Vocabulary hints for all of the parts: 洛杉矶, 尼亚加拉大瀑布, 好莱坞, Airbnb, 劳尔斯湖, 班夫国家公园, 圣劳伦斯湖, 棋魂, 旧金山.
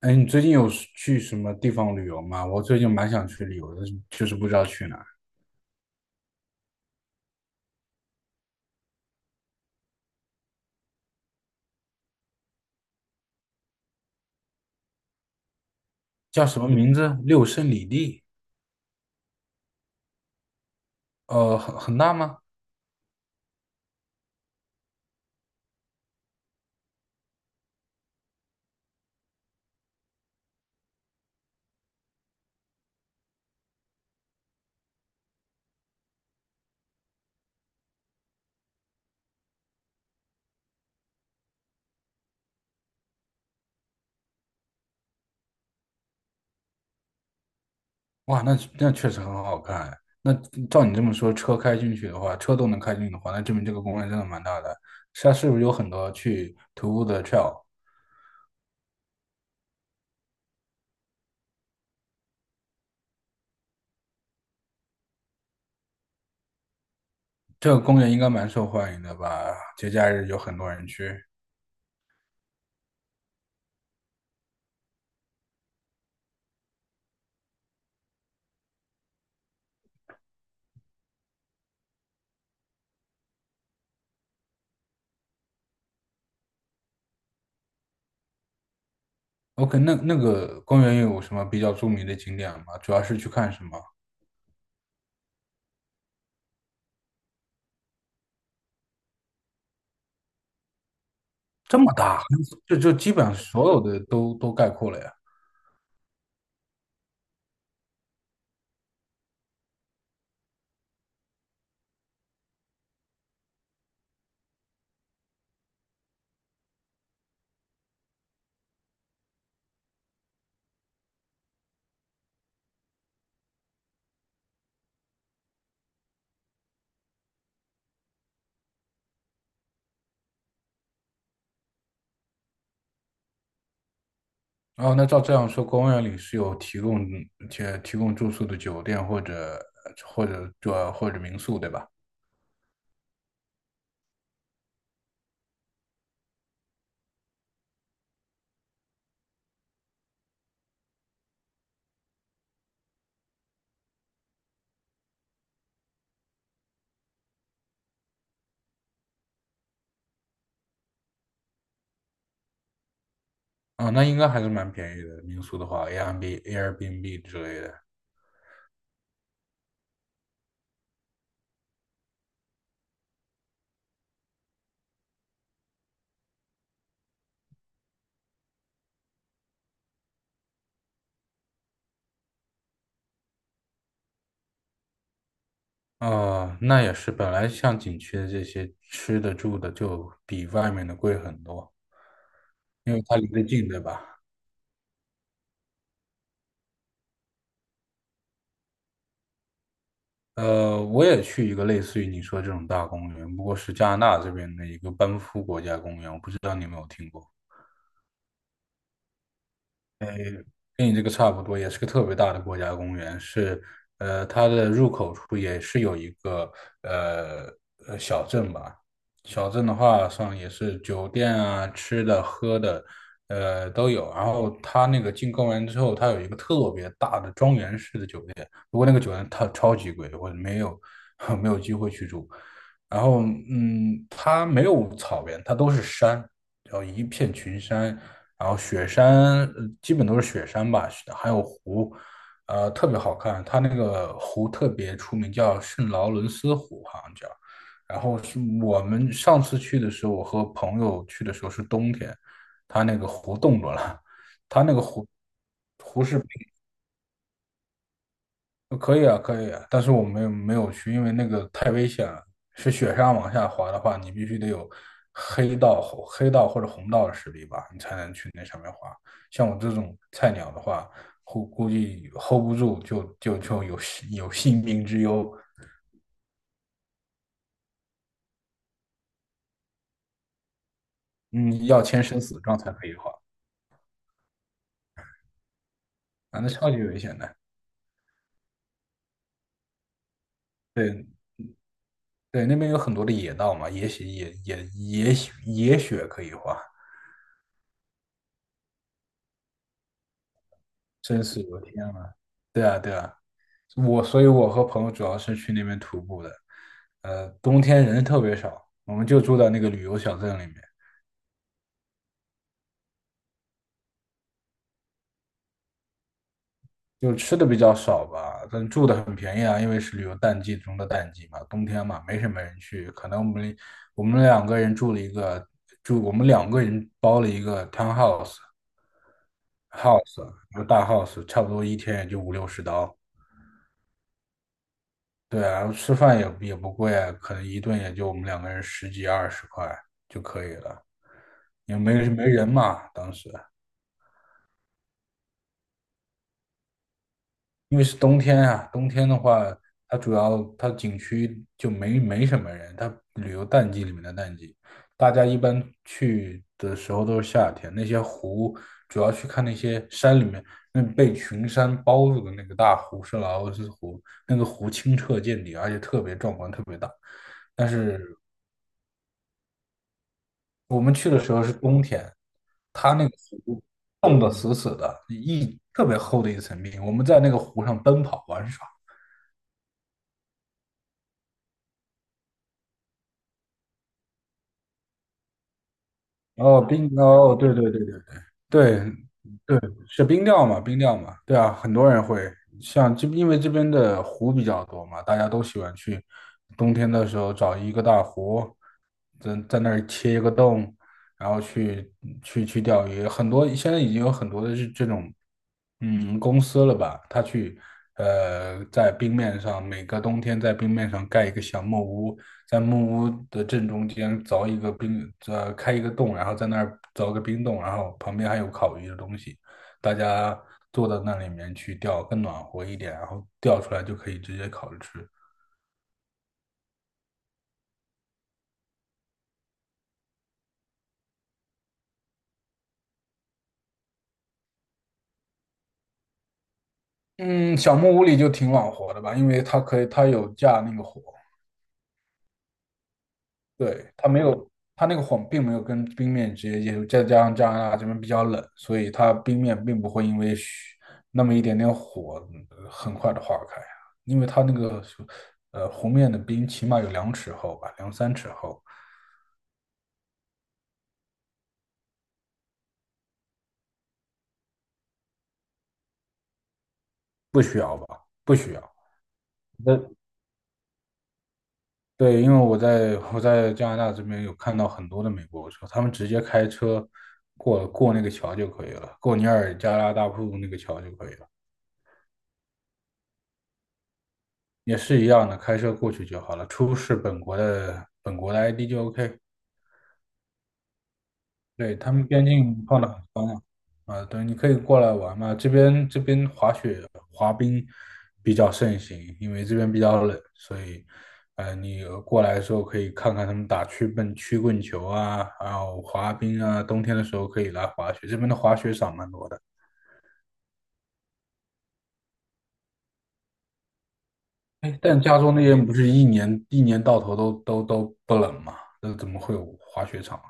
哎，你最近有是去什么地方旅游吗？我最近蛮想去旅游的，就是不知道去哪儿。叫什么名字？六胜里地。很大吗？哇，那确实很好看哎。那照你这么说，车开进去的话，车都能开进去的话，那证明这个公园真的蛮大的。它是不是有很多去徒步的 trail？这个公园应该蛮受欢迎的吧？节假日有很多人去。OK，那那个公园有什么比较著名的景点吗？主要是去看什么？这么大，这就基本上所有的都概括了呀。哦，那照这样说，公园里是有提供住宿的酒店或者民宿，对吧？啊，那应该还是蛮便宜的。民宿的话，Airbnb 之类的。啊，那也是，本来像景区的这些吃的住的就比外面的贵很多，因为它离得近，对吧？我也去一个类似于你说这种大公园，不过是加拿大这边的一个班夫国家公园，我不知道你有没有听过。跟你这个差不多，也是个特别大的国家公园，是它的入口处也是有一个呃小镇吧。小镇的话上也是酒店啊、吃的、喝的，都有。然后它那个进公园之后，它有一个特别大的庄园式的酒店，不过那个酒店它超级贵，我没有 没有机会去住。然后它没有草原，它都是山，叫一片群山，然后基本都是雪山吧，还有湖，特别好看。它那个湖特别出名，叫圣劳伦斯湖，好像叫。然后是我们上次去的时候，我和朋友去的时候是冬天，它那个湖冻住了，它那个湖。可以啊，可以啊，但是我没有去，因为那个太危险了。是雪山往下滑的话，你必须得有黑道、黑道或者红道的实力吧，你才能去那上面滑。像我这种菜鸟的话，估计 hold 不住，就有性命之忧。嗯，要签生死状才可以滑，啊，那超级危险的。对对，那边有很多的野道嘛，也许也也也许也许可以滑，真是我天呐！对啊，对啊。我，所以我和朋友主要是去那边徒步的。冬天人特别少，我们就住在那个旅游小镇里面，就吃的比较少吧，但住的很便宜啊，因为是旅游淡季中的淡季嘛，冬天嘛，没什么人去。可能我们两个人住了一个住，我们两个人包了一个 townhouse house，然后大 house，差不多一天也就五六十刀。对啊，吃饭也不贵啊，可能一顿也就我们两个人十几二十块就可以了，也没人嘛。当时因为是冬天啊，冬天的话，它主要它景区就没什么人，它旅游淡季里面的淡季，大家一般去的时候都是夏天。那些湖主要去看那些山里面那被群山包住的那个大湖是劳尔斯湖，那个湖清澈见底，而且特别壮观，特别大。但是我们去的时候是冬天，它那个湖冻得死死的，一特别厚的一层冰。我们在那个湖上奔跑玩耍。哦，冰，哦，对对对对，对，是冰钓嘛，冰钓嘛，对啊，很多人会像这，因为这边的湖比较多嘛，大家都喜欢去冬天的时候找一个大湖，在那儿切一个洞，然后去钓鱼。很多现在已经有很多的是这种，嗯，公司了吧，他去呃在冰面上每个冬天在冰面上盖一个小木屋，在木屋的正中间凿一个冰，开一个洞，然后在那儿凿个冰洞，然后旁边还有烤鱼的东西，大家坐到那里面去钓，更暖和一点，然后钓出来就可以直接烤着吃。嗯，小木屋里就挺暖和的吧，因为它可以，它有架那个火。对，它没有，它那个火并没有跟冰面直接接触，再加上加拿大这边比较冷，所以它冰面并不会因为那么一点点火很快的化开啊，因为它那个湖面的冰起码有2尺厚吧，两三尺厚，不需要吧？不需要。那对，因为我在加拿大这边有看到很多的美国车，他们直接开车过那个桥就可以了，过尼亚加拉大瀑布那个桥就可以了。也是一样的，开车过去就好了，出示本国的 ID 就 OK。对，他们边境放的啊，对，你可以过来玩嘛。这边滑雪比较盛行，因为这边比较冷，所以，你过来的时候可以看看他们打曲棍球啊，还有滑冰啊，冬天的时候可以来滑雪。这边的滑雪场蛮多的。哎，但加州那边不是一年到头都不冷吗？那怎么会有滑雪场啊？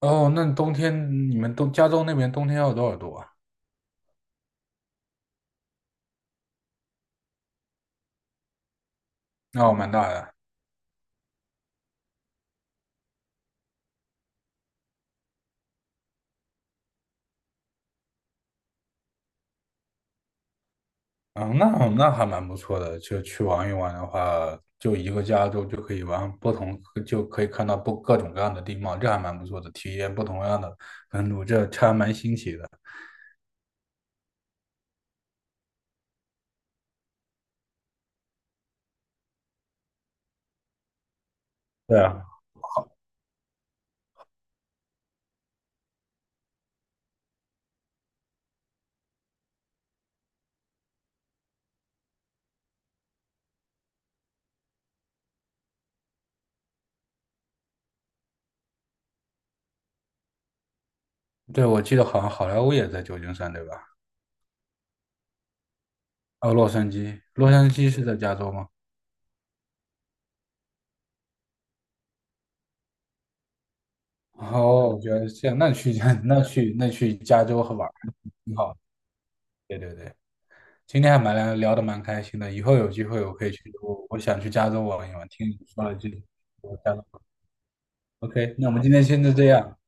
哦，那冬天你们东加州那边冬天要多少度啊？哦，蛮大的。嗯，那还蛮不错的。就去玩一玩的话，就一个加州就可以玩不同，就可以看到不各种各样的地貌，这还蛮不错的，体验不同样的温度，这还蛮新奇的。对啊，对，我记得好像好莱坞也在旧金山，对吧？哦，洛杉矶，洛杉矶是在加州吗？哦，我觉得这样，那去 那去加州和玩儿挺好的。对对对。今天还聊得蛮开心的，以后有机会我可以去，我想去加州玩一玩。听你说了这，我加州。OK，那我们今天先就这样。